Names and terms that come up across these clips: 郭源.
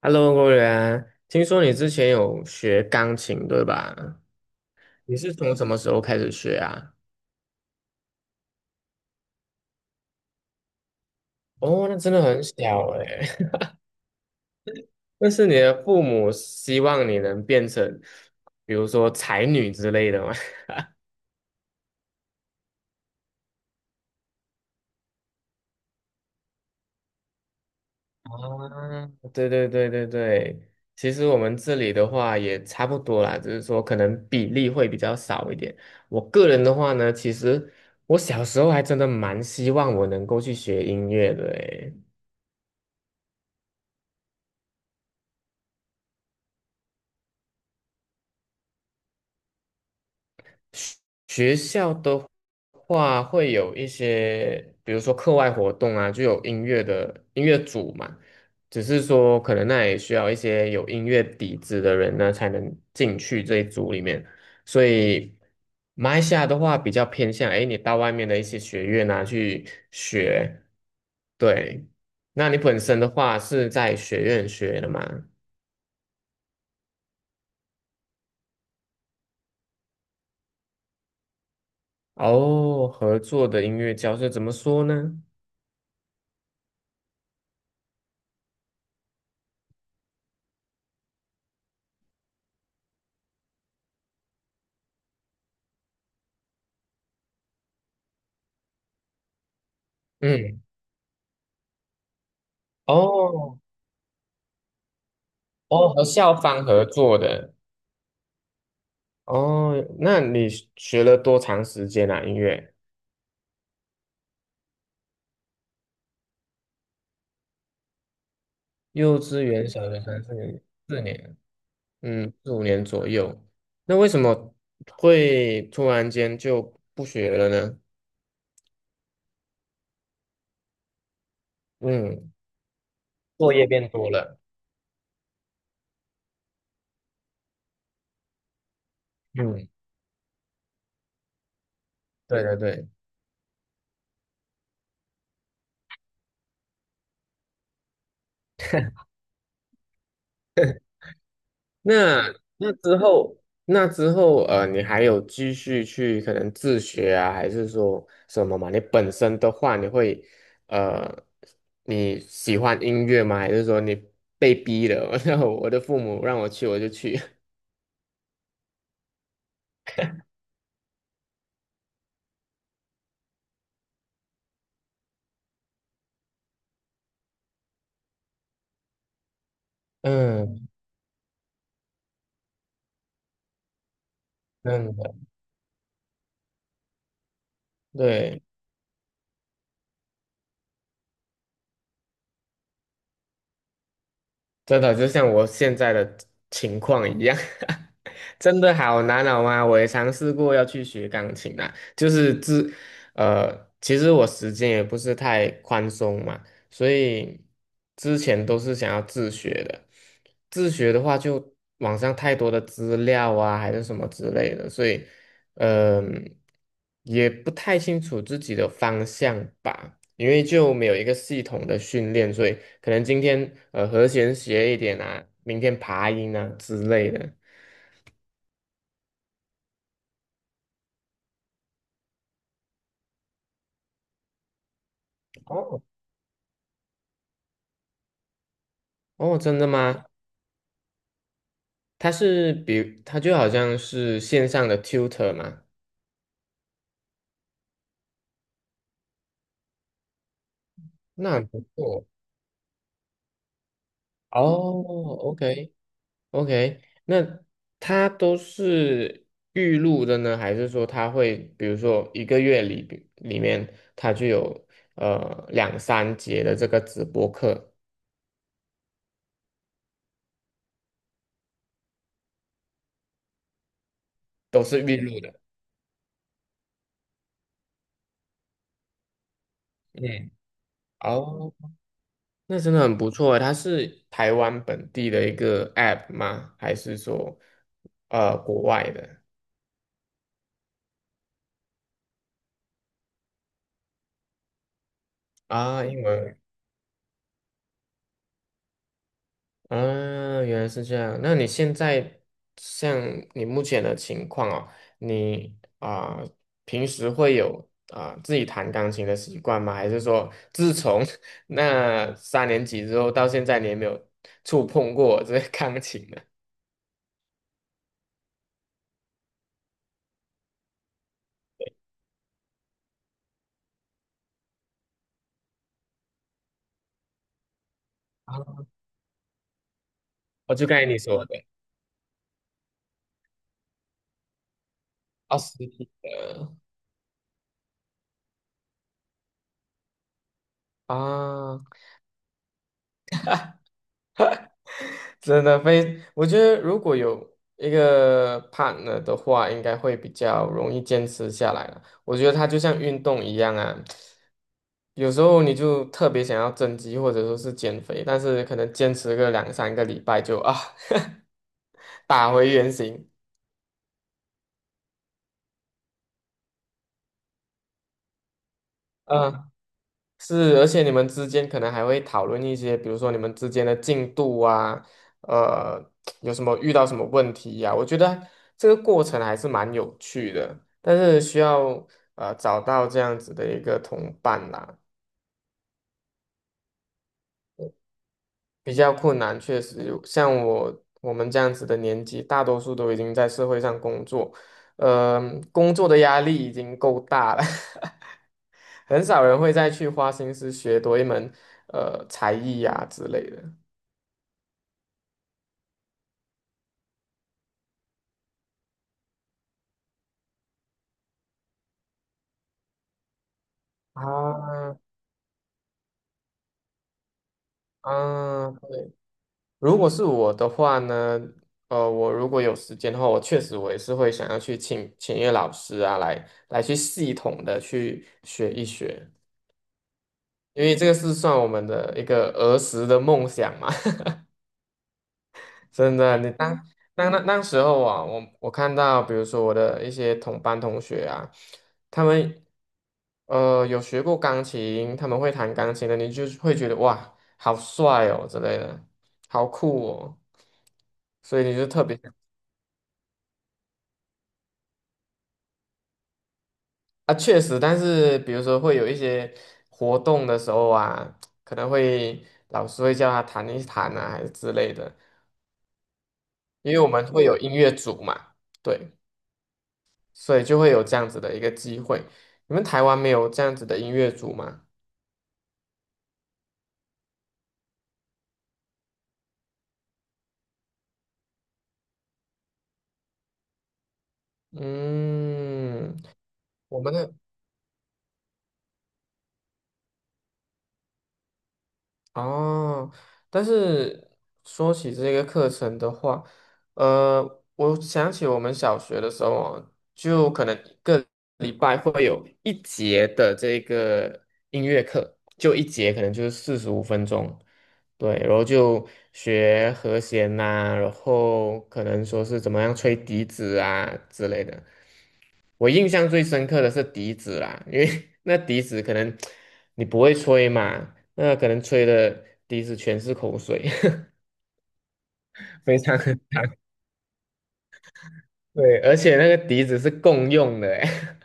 Hello，郭源，听说你之前有学钢琴，对吧？你是从什么时候开始学啊？哦，那真的很小哎。那是你的父母希望你能变成，比如说才女之类的吗？啊 对对对对对，其实我们这里的话也差不多啦，只是说可能比例会比较少一点。我个人的话呢，其实我小时候还真的蛮希望我能够去学音乐的诶。学校的话会有一些，比如说课外活动啊，就有音乐组嘛。只是说，可能那也需要一些有音乐底子的人呢，才能进去这一组里面。所以，马来西亚的话比较偏向，哎，你到外面的一些学院啊去学。对，那你本身的话是在学院学的嘛？哦，合作的音乐教室怎么说呢？嗯，哦，哦，和校方合作的。哦，那你学了多长时间啊？音乐？幼稚园、小学三四年，四年，嗯，四五年左右。那为什么会突然间就不学了呢？嗯，作业变多了。嗯，对对对。那那之后，那之后，你还有继续去可能自学啊，还是说什么嘛？你本身的话，你会，呃，你喜欢音乐吗？还是说你被逼的？然后我的父母让我去，我就去。嗯，真的对。真的就像我现在的情况一样，真的好难熬啊！我也尝试过要去学钢琴啊，就是自，呃，其实我时间也不是太宽松嘛，所以之前都是想要自学的。自学的话，就网上太多的资料啊，还是什么之类的，所以，嗯、也不太清楚自己的方向吧。因为就没有一个系统的训练，所以可能今天和弦学一点啊，明天爬音啊之类的。哦，哦，真的吗？它就好像是线上的 tutor 嘛，那很不错。哦，OK OK，那它都是预录的呢，还是说它会比如说一个月里面它就有两三节的这个直播课都是预录的？嗯，哦。那真的很不错诶，它是台湾本地的一个 app 吗？还是说，呃，国外的啊？英文啊，原来是这样。那你现在像你目前的情况哦，你啊、平时会有啊、自己弹钢琴的习惯吗？还是说，自从 那三年级之后到现在，你也没有触碰过这个钢琴呢？啊，我就刚才你说的，二十体的啊。真的非，我觉得如果有一个 partner 的话，应该会比较容易坚持下来了。我觉得它就像运动一样啊，有时候你就特别想要增肌或者说是减肥，但是可能坚持个两三个礼拜就啊 打回原形。嗯是，而且你们之间可能还会讨论一些，比如说你们之间的进度啊，呃，有什么遇到什么问题呀、我觉得这个过程还是蛮有趣的，但是需要找到这样子的一个同伴啦，比较困难，确实有，像我们这样子的年纪，大多数都已经在社会上工作，呃，工作的压力已经够大了。很少人会再去花心思学多一门才艺呀、之类的。啊，啊！如果是我的话呢，我如果有时间的话，我确实也是会想要去请一个老师啊，来去系统的去学一学，因为这个是算我们的一个儿时的梦想嘛。真的，你当那时候啊，我看到，比如说我的一些同班同学啊，他们有学过钢琴，他们会弹钢琴的，你就是会觉得哇，好帅哦之类的，好酷哦，所以你就特别想啊，确实，但是比如说会有一些活动的时候啊，可能会老师会叫他弹一弹啊，还是之类的，因为我们会有音乐组嘛，对。所以就会有这样子的一个机会。你们台湾没有这样子的音乐组吗？嗯，我们的哦，但是说起这个课程的话，我想起我们小学的时候哦，就可能一个礼拜会有一节的这个音乐课，就一节可能就是45分钟。对，然后就学和弦呐、然后可能说是怎么样吹笛子啊之类的。我印象最深刻的是笛子啦，因为 那笛子可能你不会吹嘛，那可能吹的笛子全是口水，非常 对，而且那个笛子是共用的欸，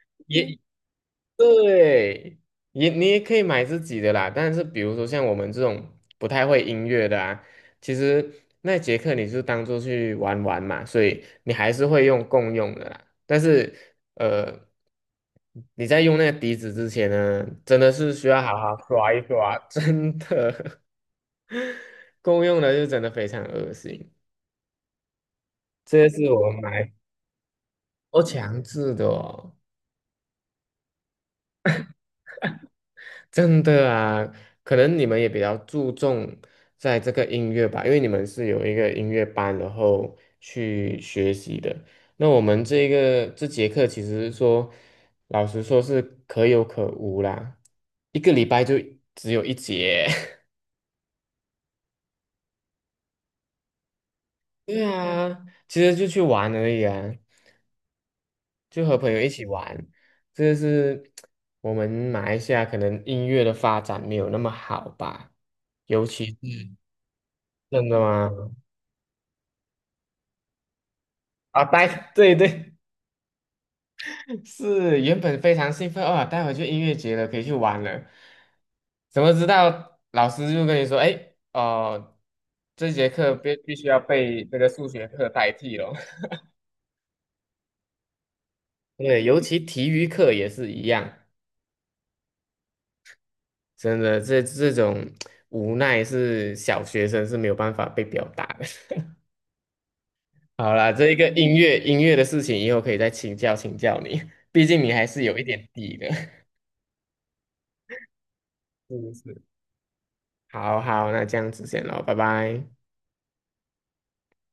也对，也你也可以买自己的啦，但是比如说像我们这种不太会音乐的啊，其实那节课你就当做去玩玩嘛，所以你还是会用共用的啦。但是呃，你在用那个笛子之前呢，真的是需要好好刷一刷，真的 共用的就真的非常恶心，这个是我买我强制的哦。真的啊，可能你们也比较注重在这个音乐吧，因为你们是有一个音乐班，然后去学习的。那我们这个这节课其实说，老实说是可有可无啦，一个礼拜就只有一节。对啊，其实就去玩而已啊，就和朋友一起玩。这是我们马来西亚可能音乐的发展没有那么好吧，尤其是真的吗？啊，带，对对，是原本非常兴奋啊，待会就音乐节了，可以去玩了。怎么知道老师就跟你说，哎，哦，这节课必须要被这个数学课代替了。对，尤其体育课也是一样，真的，这种无奈是小学生是没有办法被表达的。好啦，这一个音乐的事情，以后可以再请教你，毕竟你还是有一点底的。是是。好好，那这样子先咯，拜拜。